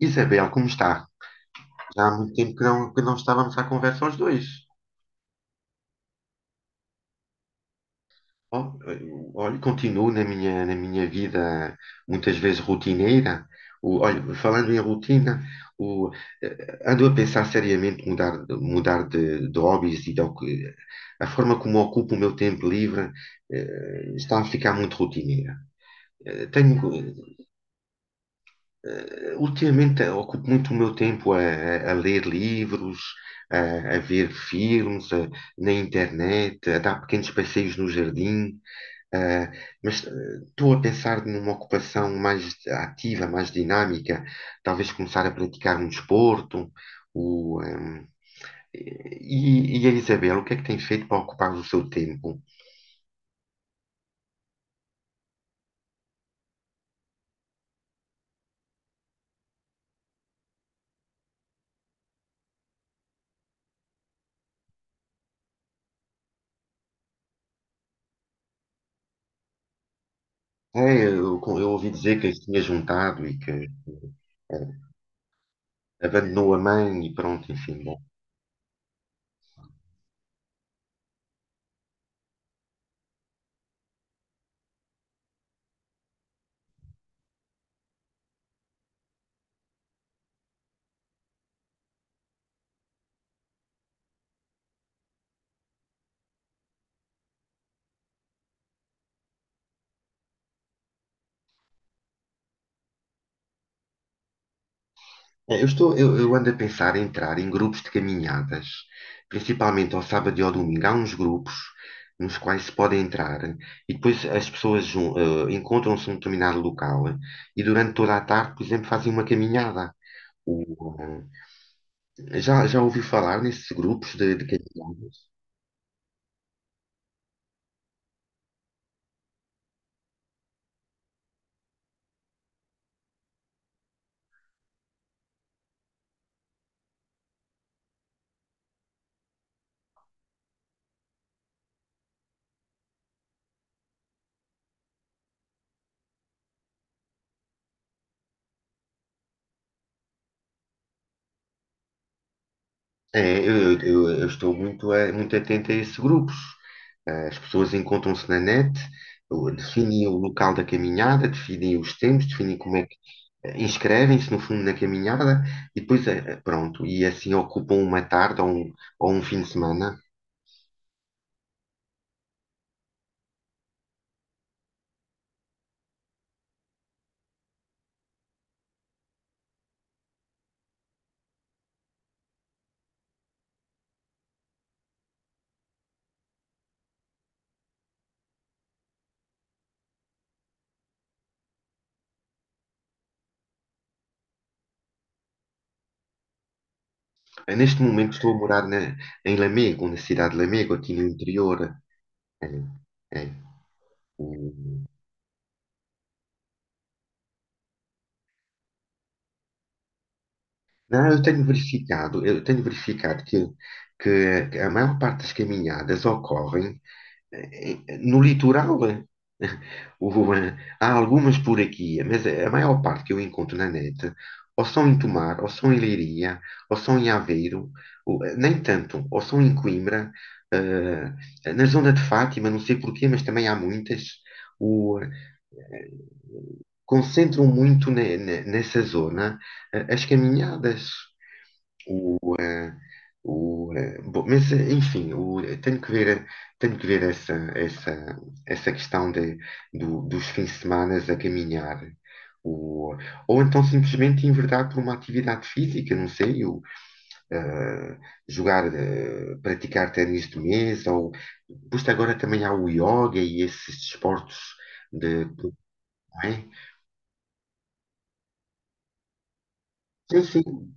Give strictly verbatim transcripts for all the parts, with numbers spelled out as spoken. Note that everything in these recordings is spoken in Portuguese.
Isabel, como está? Já há muito tempo que não, que não estávamos à conversa os dois. Oh, eu- Olha, continuo na minha, na minha vida muitas vezes rotineira. O, olha, falando em rotina, o, eh, ando a pensar seriamente mudar, mudar de, de hobbies e de, ocu- a forma como ocupo o meu tempo livre, eh, está a ficar muito rotineira. Eh, tenho, Eh, Ultimamente eh, ocupo muito o meu tempo a, a- a ler livros, a, a ver filmes, a- na internet, a dar pequenos passeios no jardim, eh, mas eh, estou a pensar numa ocupação mais ativa, mais dinâmica, talvez começar a praticar um desporto. O, ehm, e, e a Isabel, o que é que tem feito para ocupar o seu tempo? É, eu, eu ouvi dizer que tinha juntado e que eh, abandonou a mãe e pronto, enfim, É, Eu estou, eu, eu ando a pensar em entrar em grupos de caminhadas, principalmente ao sábado e ao domingo. Há uns grupos nos quais se pode entrar e depois as pessoas jun- eh, encontram-se num determinado local e durante toda a tarde, por exemplo, fazem uma caminhada. O, eh, já, Já ouvi falar nesses grupos de, de caminhadas? É, eu, eu- eu estou muito, a- muito atento a esses grupos. Eh, As pessoas encontram-se na net, definem o local da caminhada, definem os tempos, definem como é que inscrevem-se no fundo na caminhada e depois eh, pronto, e assim ocupam uma tarde ou um, ou um fim de semana. Eh, Neste momento estou a morar na, em Lamego, na cidade de Lamego, aqui no interior. É, é. Hum. Não, eu tenho verificado, eu tenho verificado que, que a maior parte das caminhadas ocorrem em- no litoral, eh, o- há algumas por aqui, mas é, a maior parte que eu encontro na net ou são em Tomar, ou são em Leiria, ou são em Aveiro, ou- nem tanto, ou são em Coimbra, eh, na zona de Fátima, não sei porquê, mas também há muitas. O, Concentram muito ne- ne- nessa zona, eh, as caminhadas. O, eh, bom, mas, eh, enfim, o- eh, tenho que ver, tenho que ver essa, essa, essa questão de, do- dos fins de semana a caminhar. O, ou então simplesmente enverdar por uma atividade física, não sei, o, eh, jogar, eh, praticar ténis de mesa, ou pois agora também há o yoga e esses desportos de, não é? Sim, sim,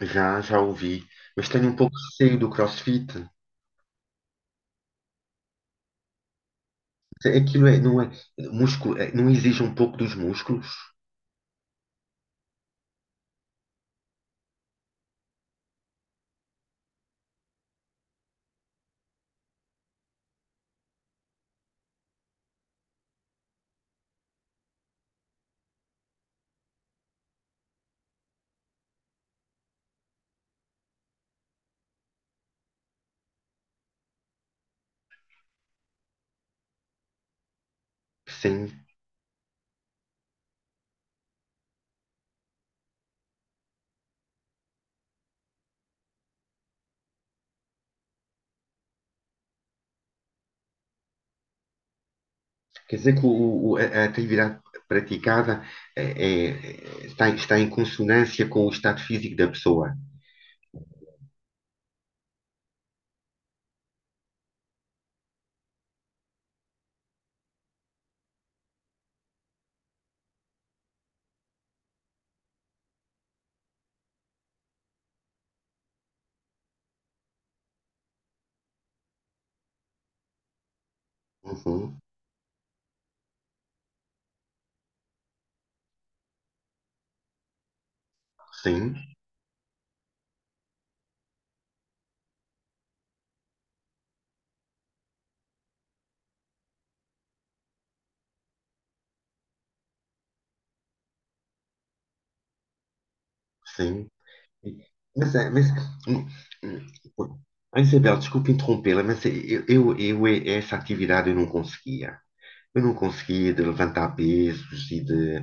já, já ouvi, mas tenho um pouco de receio do CrossFit. Aquilo é, não é, músculo, é, não exige um pouco dos músculos? Sim. Quer dizer que o, o- a, a atividade praticada é, é- está, está em consonância com o estado físico da pessoa. Uhum. Sim, sim. Mas, é- mas hum, hum, ah, Isabel, desculpe interrompê-la, mas eu, eu, eu e- essa atividade eu não conseguia. Eu não conseguia de levantar pesos e de.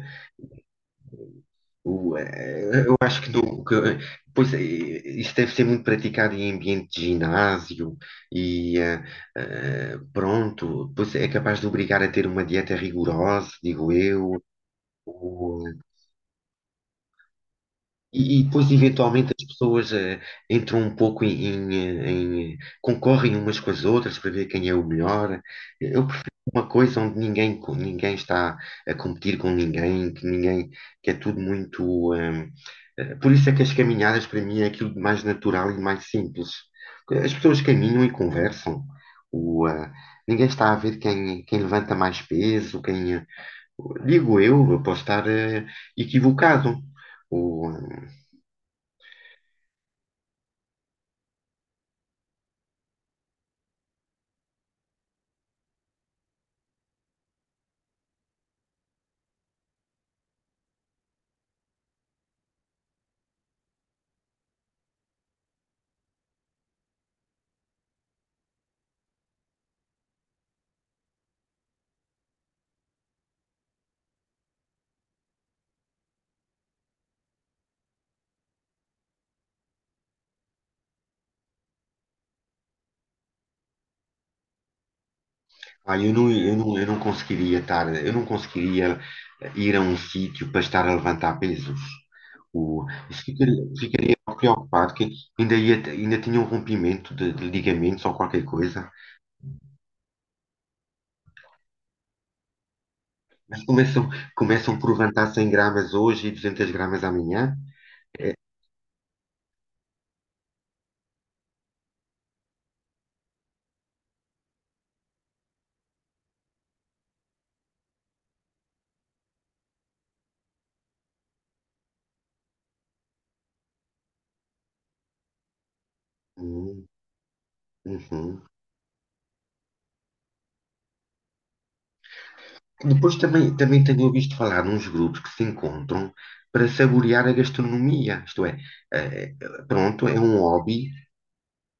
o eh, Eu acho que, não, que eh, pois, eh, isso deve ser muito praticado em ambiente de ginásio e eh, eh, pronto, pois é capaz de obrigar a ter uma dieta rigorosa, digo eu. E, e depois, eventualmente, as pessoas eh, entram um pouco em, em, eh, em- concorrem umas com as outras para ver quem é o melhor. Eu prefiro uma coisa onde ninguém, co- ninguém está a competir com ninguém, que ninguém, que é tudo muito. Ehm, eh, por isso é que as caminhadas, para mim, é aquilo de mais natural e mais simples. As pessoas caminham e conversam. O, ah, Ninguém está a ver quem, quem levanta mais peso, quem. eh, Digo eu, eu posso estar eh, equivocado. O, hum, Ah, eu não, eu não, eu não conseguiria estar, eu não conseguiria ir a um sítio para estar a levantar pesos. O, isso ficaria, ficaria preocupado que ainda, ia, ainda tinha um rompimento de, de ligamentos ou qualquer coisa. Mas começam, começam por levantar cem gramas hoje e duzentas gramas amanhã. Hum, uhum. Depois também, também tenho ouvido falar nos grupos que se encontram para saborear a gastronomia. Isto é, eh, eh, pronto, é um hobby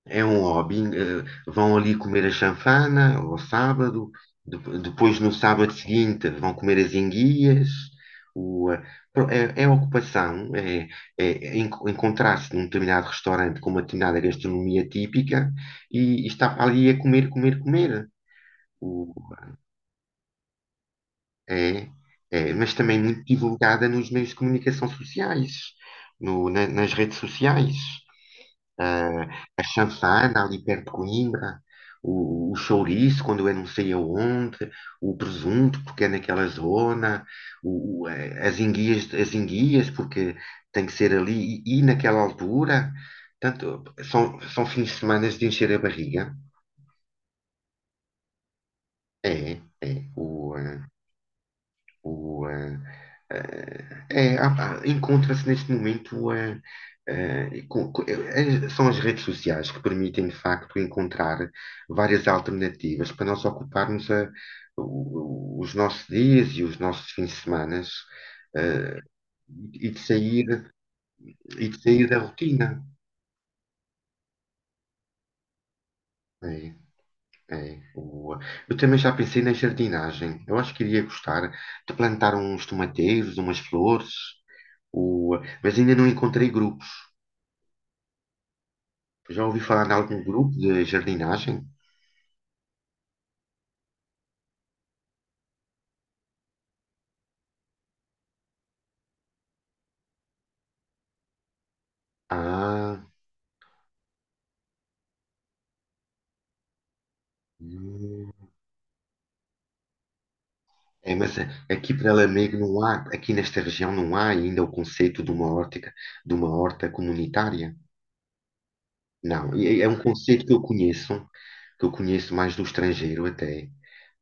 É um hobby. eh, Vão ali comer a chanfana ao sábado, dep- depois no sábado seguinte vão comer as enguias. O, eh, pro- é, É ocupação, é, é é en- encontrar-se num determinado restaurante com uma determinada gastronomia típica e, e estar ali a comer, comer, comer. O, é, É, mas também muito divulgada nos meios de comunicação sociais, no, na- nas redes sociais. ah, a chanfana ali perto de Coimbra, o, o chouriço quando é não sei aonde, o presunto porque é naquela zona, o- o, eh, as enguias, as enguias porque tem que ser ali e, e naquela altura. Portanto, são, são fins de semana de encher a barriga. É, é. O, eh, o, eh, É, é, há- há- encontra-se neste momento é, é, co- co- é, é, são as redes sociais que permitem de facto encontrar várias alternativas para nós ocuparmos a- o- o- os nossos dias e os nossos fins de semana é, e de sair e de sair da rotina. É, é. O- eu também já pensei na jardinagem. Eu acho que iria gostar de plantar uns tomateiros, umas flores, o- mas ainda não encontrei grupos. Já ouvi falar em algum grupo de jardinagem? Ah, hum. é, mas é, Aqui para Lamego não há, aqui nesta região não há ainda o conceito de uma horta, de uma horta comunitária. Não, é, é um conceito que eu conheço, que eu conheço mais do estrangeiro até,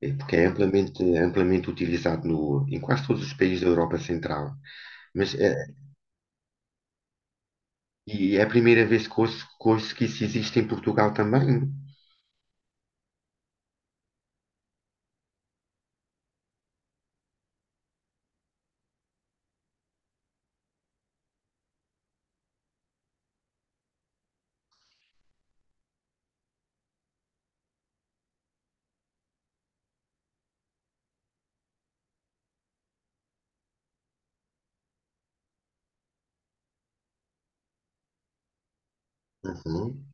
é porque é amplamente, amplamente utilizado no, em quase todos os países da Europa Central. Mas é, e é a primeira vez que ouço, que ouço que isso existe em Portugal também. Uhum.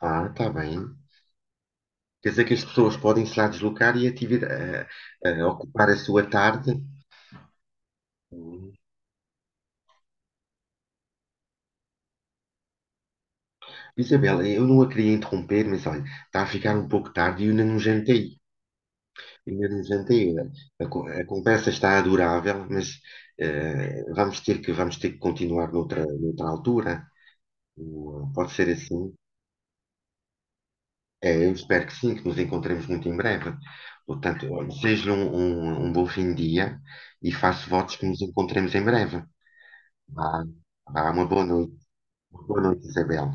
Ah, está bem. Quer dizer que as pessoas podem se lá deslocar e ativi- a- a ocupar a sua tarde. Hum. Isabela, eu não a queria interromper, mas olha, está a ficar um pouco tarde e eu ainda não jantei. Ainda não jantei. A, co- a conversa está adorável, mas eh, vamos ter que, vamos ter que continuar noutra, noutra altura. O- Pode ser assim. É, eu espero que sim, que nos encontremos muito em breve. Portanto, olha, desejo-lhe um, um, um bom fim de dia e faço votos que nos encontremos em breve. Vá, vá, uma boa noite. Boa noite, Isabel.